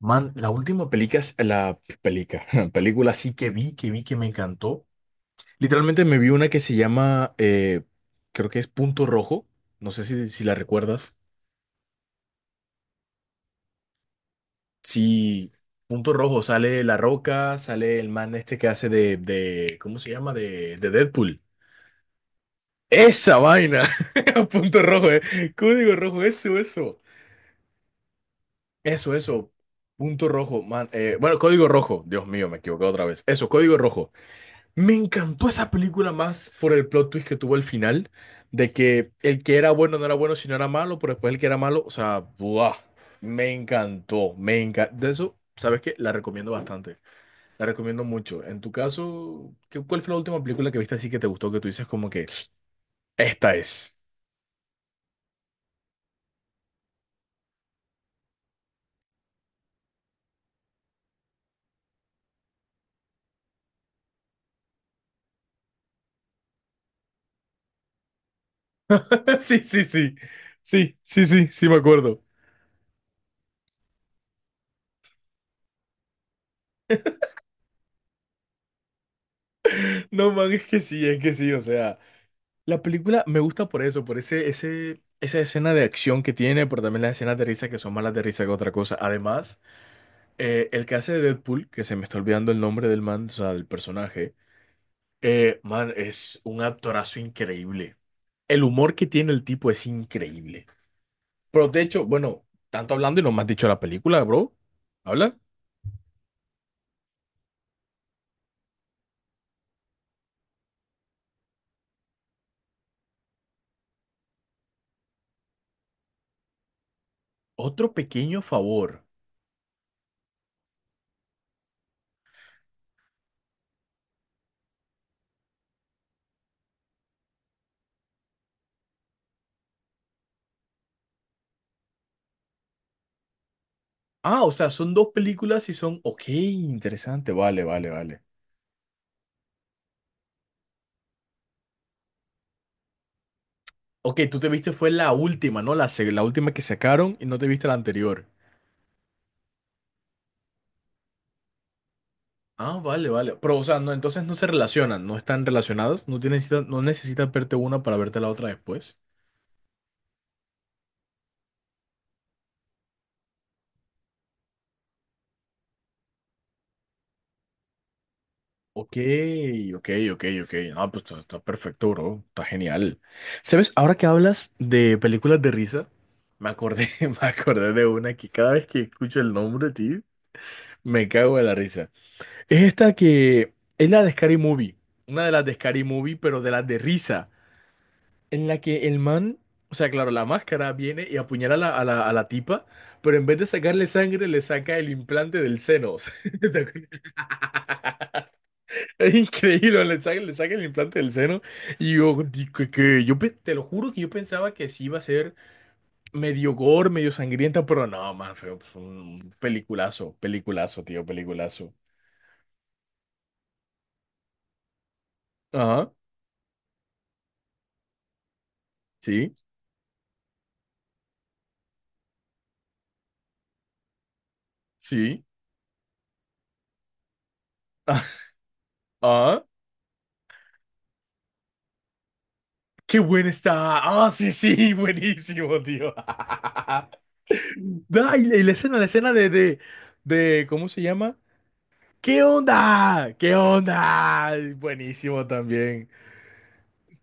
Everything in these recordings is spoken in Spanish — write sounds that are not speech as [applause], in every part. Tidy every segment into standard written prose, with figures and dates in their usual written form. Man, la última película, [laughs] película sí que vi, que me encantó. Literalmente me vi una que se llama, creo que es Punto Rojo. No sé si la recuerdas. Sí, Punto Rojo, sale La Roca, sale el man este que hace de ¿cómo se llama? De Deadpool. Esa vaina. [laughs] Punto Rojo, Código Rojo, eso, eso. Eso, eso. Punto Rojo, man. Bueno, Código Rojo. Dios mío, me equivoqué otra vez. Eso, Código Rojo. Me encantó esa película más por el plot twist que tuvo el final, de que el que era bueno no era bueno, sino era malo, pero después el que era malo, o sea, ¡buah! Me encantó, me encantó. De eso, ¿sabes qué? La recomiendo bastante, la recomiendo mucho. En tu caso, ¿cuál fue la última película que viste así que te gustó, que tú dices como que, esta es? [laughs] Sí, sí, sí, sí, sí, sí, sí, sí, me acuerdo. No, man, es que sí, o sea. La película me gusta por eso, por ese, esa escena de acción que tiene, pero también las escenas de risa que son más las de risa que otra cosa. Además, el que hace de Deadpool, que se me está olvidando el nombre del man, o sea, del personaje, man, es un actorazo increíble. El humor que tiene el tipo es increíble. Pero de hecho, bueno, tanto hablando y no me has dicho la película, bro. ¿Habla? Otro pequeño favor. Ah, o sea, son dos películas y son, ok, interesante, vale, vale, vale. Ok, tú te viste fue la última, ¿no? La última que sacaron y no te viste la anterior. Ah, vale, vale. Pero, o sea, no, entonces no se relacionan, no están relacionadas, no tienes, no necesitas verte una para verte la otra después. Ok, ok, ok, ok. Ah, pues está, está perfecto, bro. Está genial. ¿Sabes? Ahora que hablas de películas de risa, me acordé, [laughs] me acordé de una que cada vez que escucho el nombre, tío, me cago de la risa. Es esta que Es la de Scary Movie. Una de las de Scary Movie, pero de las de risa. En la que el man, o sea, claro, la máscara viene y apuñala a la tipa, pero en vez de sacarle sangre, le saca el implante del seno. O sea, [laughs] ¿te acuerdas? Es increíble, le saca el implante del seno. Y yo, te lo juro que yo pensaba que sí iba a ser medio gore, medio sangrienta, pero no, man, fue un peliculazo, peliculazo, tío, peliculazo. Ajá, sí, sí. [laughs] Ah, qué buena está. Ah, sí, sí, buenísimo, tío. [laughs] Ah, y la escena, ¿cómo se llama? ¿Qué onda? ¿Qué onda? Ay, buenísimo también.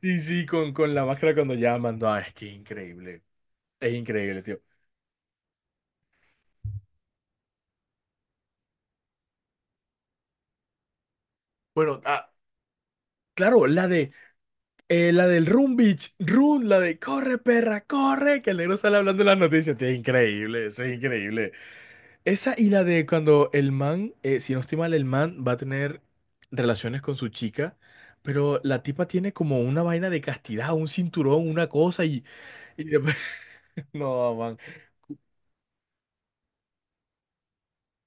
Sí, sí, con la máscara cuando llaman. No, es que increíble. Es increíble, tío. Bueno, claro, la del Run Beach, Run, la de corre, perra, corre, que el negro sale hablando en las noticias, tío. Es increíble, eso es increíble. Esa y la de cuando el man, si no estoy mal, el man va a tener relaciones con su chica, pero la tipa tiene como una vaina de castidad, un cinturón, una cosa y... y después- [laughs] No, man.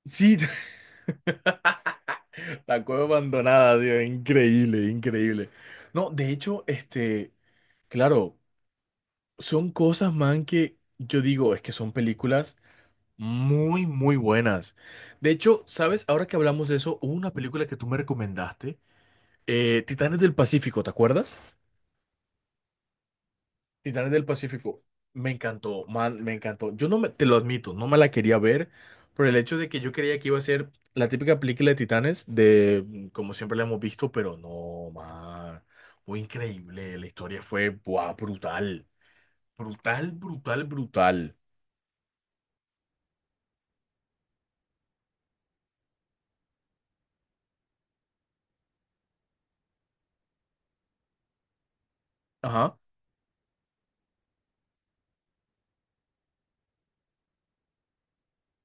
Sí, [laughs] la cueva abandonada, tío, increíble, increíble. No, de hecho, claro, son cosas, man, que yo digo, es que son películas muy, muy buenas. De hecho, ¿sabes? Ahora que hablamos de eso, hubo una película que tú me recomendaste. Titanes del Pacífico, ¿te acuerdas? Titanes del Pacífico. Me encantó, man, me encantó. Yo no me, te lo admito, no me la quería ver por el hecho de que yo creía que iba a ser la típica película de Titanes, de como siempre la hemos visto, pero no, man. Fue increíble. La historia fue, buah, brutal. Brutal, brutal, brutal. Ajá.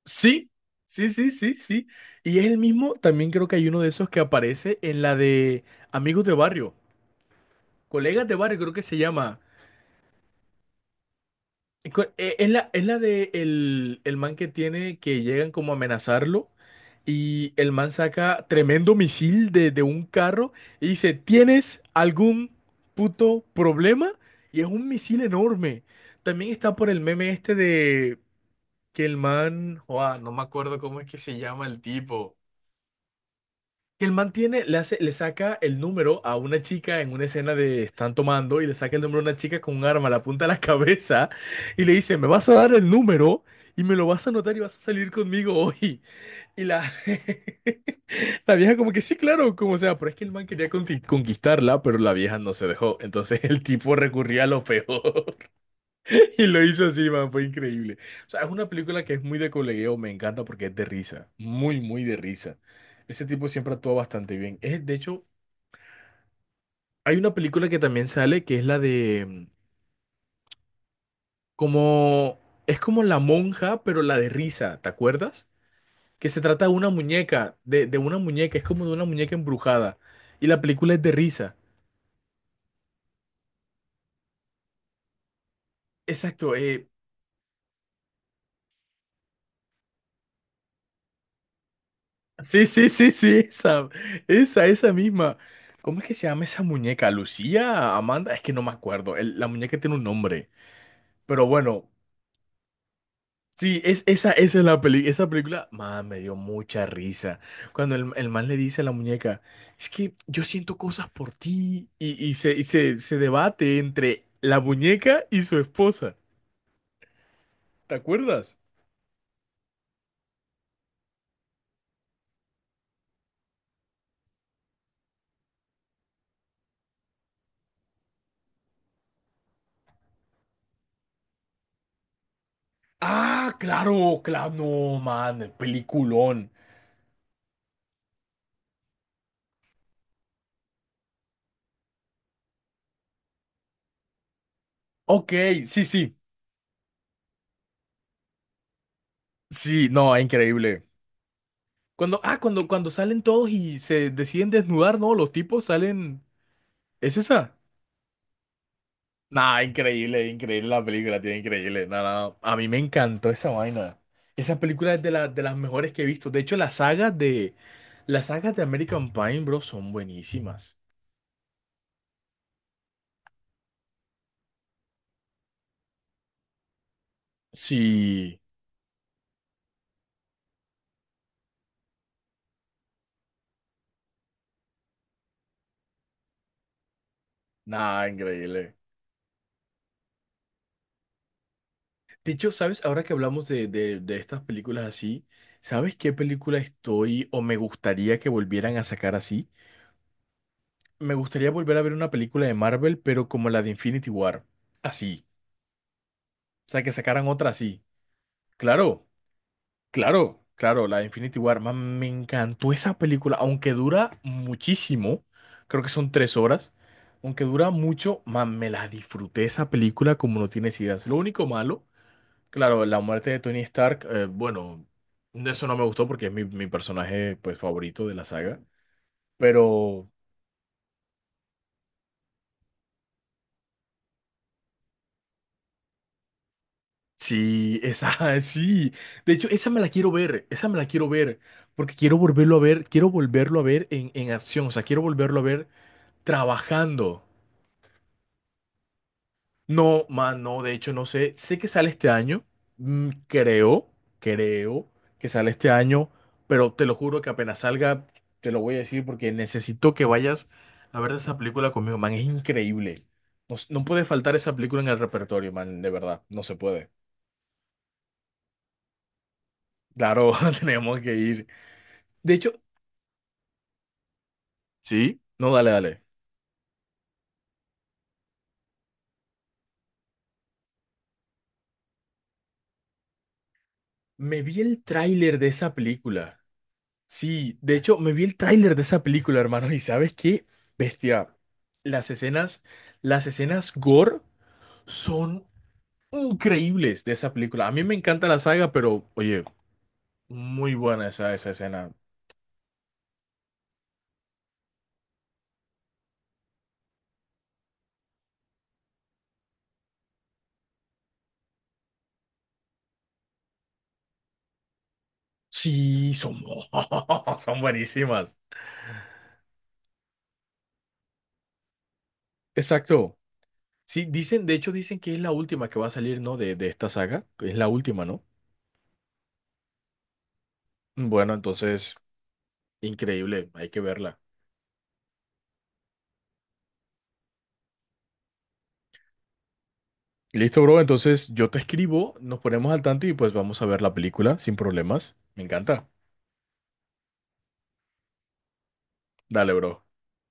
Sí, sí, sí, sí, sí. Y es el mismo, también creo que hay uno de esos que aparece en la de Amigos de Barrio. Colegas de Barrio, creo que se llama. Es la de el man que tiene que llegan como a amenazarlo y el man saca tremendo misil de un carro y dice, ¿tienes algún puto problema? Y es un misil enorme. También está por el meme este de que el man, joa, no me acuerdo cómo es que se llama el tipo. Que el man tiene, le hace, le saca el número a una chica en una escena de están tomando y le saca el número a una chica con un arma, la apunta a la [laughs] cabeza y le dice, me vas a dar el número y me lo vas a anotar y vas a salir conmigo hoy. Y la, [laughs] la vieja como que sí, claro, como sea, pero es que el man quería conquistarla, pero la vieja no se dejó. Entonces [laughs] el tipo recurría a lo peor [laughs] y lo hizo así, man, fue increíble. O sea, es una película que es muy de colegueo, me encanta porque es de risa, muy, muy de risa. Ese tipo siempre actúa bastante bien. Es, de hecho, hay una película que también sale que es la de como es como La Monja, pero la de risa, ¿te acuerdas? Que se trata de una muñeca, de una muñeca, es como de una muñeca embrujada. Y la película es de risa. Exacto, sí, sí, sí, sí, esa, esa misma. ¿Cómo es que se llama esa muñeca? ¿Lucía? ¿Amanda? Es que no me acuerdo. La muñeca tiene un nombre. Pero bueno, sí, esa, esa es la película. Esa película, man, me dio mucha risa. Cuando el man le dice a la muñeca, es que yo siento cosas por ti. Y, y se, se debate entre la muñeca y su esposa. ¿Te acuerdas? Ah, claro, claro, no, man, peliculón. Ok, sí, sí. Sí, no, increíble. Cuando, cuando salen todos y se deciden desnudar, ¿no? Los tipos salen. ¿Es esa? Nah, increíble, increíble la película, tío, increíble. Nah, nah, nah. A mí me encantó esa vaina. Esa película es de las mejores que he visto. De hecho, las sagas de American Pie, bro, son buenísimas. Sí, nada, increíble. De hecho, ¿sabes? Ahora que hablamos de estas películas así, ¿sabes qué película estoy o me gustaría que volvieran a sacar así? Me gustaría volver a ver una película de Marvel, pero como la de Infinity War. Así. O sea, que sacaran otra así. Claro. Claro, claro, la de Infinity War, man, me encantó esa película, aunque dura muchísimo, creo que son 3 horas, aunque dura mucho, man, me la disfruté esa película como no tienes ideas. Lo único malo, claro, la muerte de Tony Stark, bueno, eso no me gustó porque es mi personaje pues favorito de la saga, pero sí, esa, [laughs] sí, de hecho, esa me la quiero ver, esa me la quiero ver, porque quiero volverlo a ver, quiero volverlo a ver en acción, o sea, quiero volverlo a ver trabajando. No, man, no, de hecho no sé, sé que sale este año, creo, creo que sale este año, pero te lo juro que apenas salga, te lo voy a decir porque necesito que vayas a ver esa película conmigo, man, es increíble. No, no puede faltar esa película en el repertorio, man, de verdad, no se puede. Claro, [laughs] tenemos que ir. De hecho, sí, no, dale, dale. Me vi el tráiler de esa película. Sí, de hecho, me vi el tráiler de esa película, hermano, y ¿sabes qué? Bestia, las escenas, las escenas gore son increíbles de esa película. A mí me encanta la saga, pero oye, muy buena esa, esa escena. Sí, son, [laughs] son buenísimas. Exacto. Sí, dicen, de hecho, dicen que es la última que va a salir, ¿no? De esta saga, que es la última, ¿no? Bueno, entonces, increíble, hay que verla. Listo, bro. Entonces yo te escribo, nos ponemos al tanto y pues vamos a ver la película sin problemas. Me encanta. Dale, bro.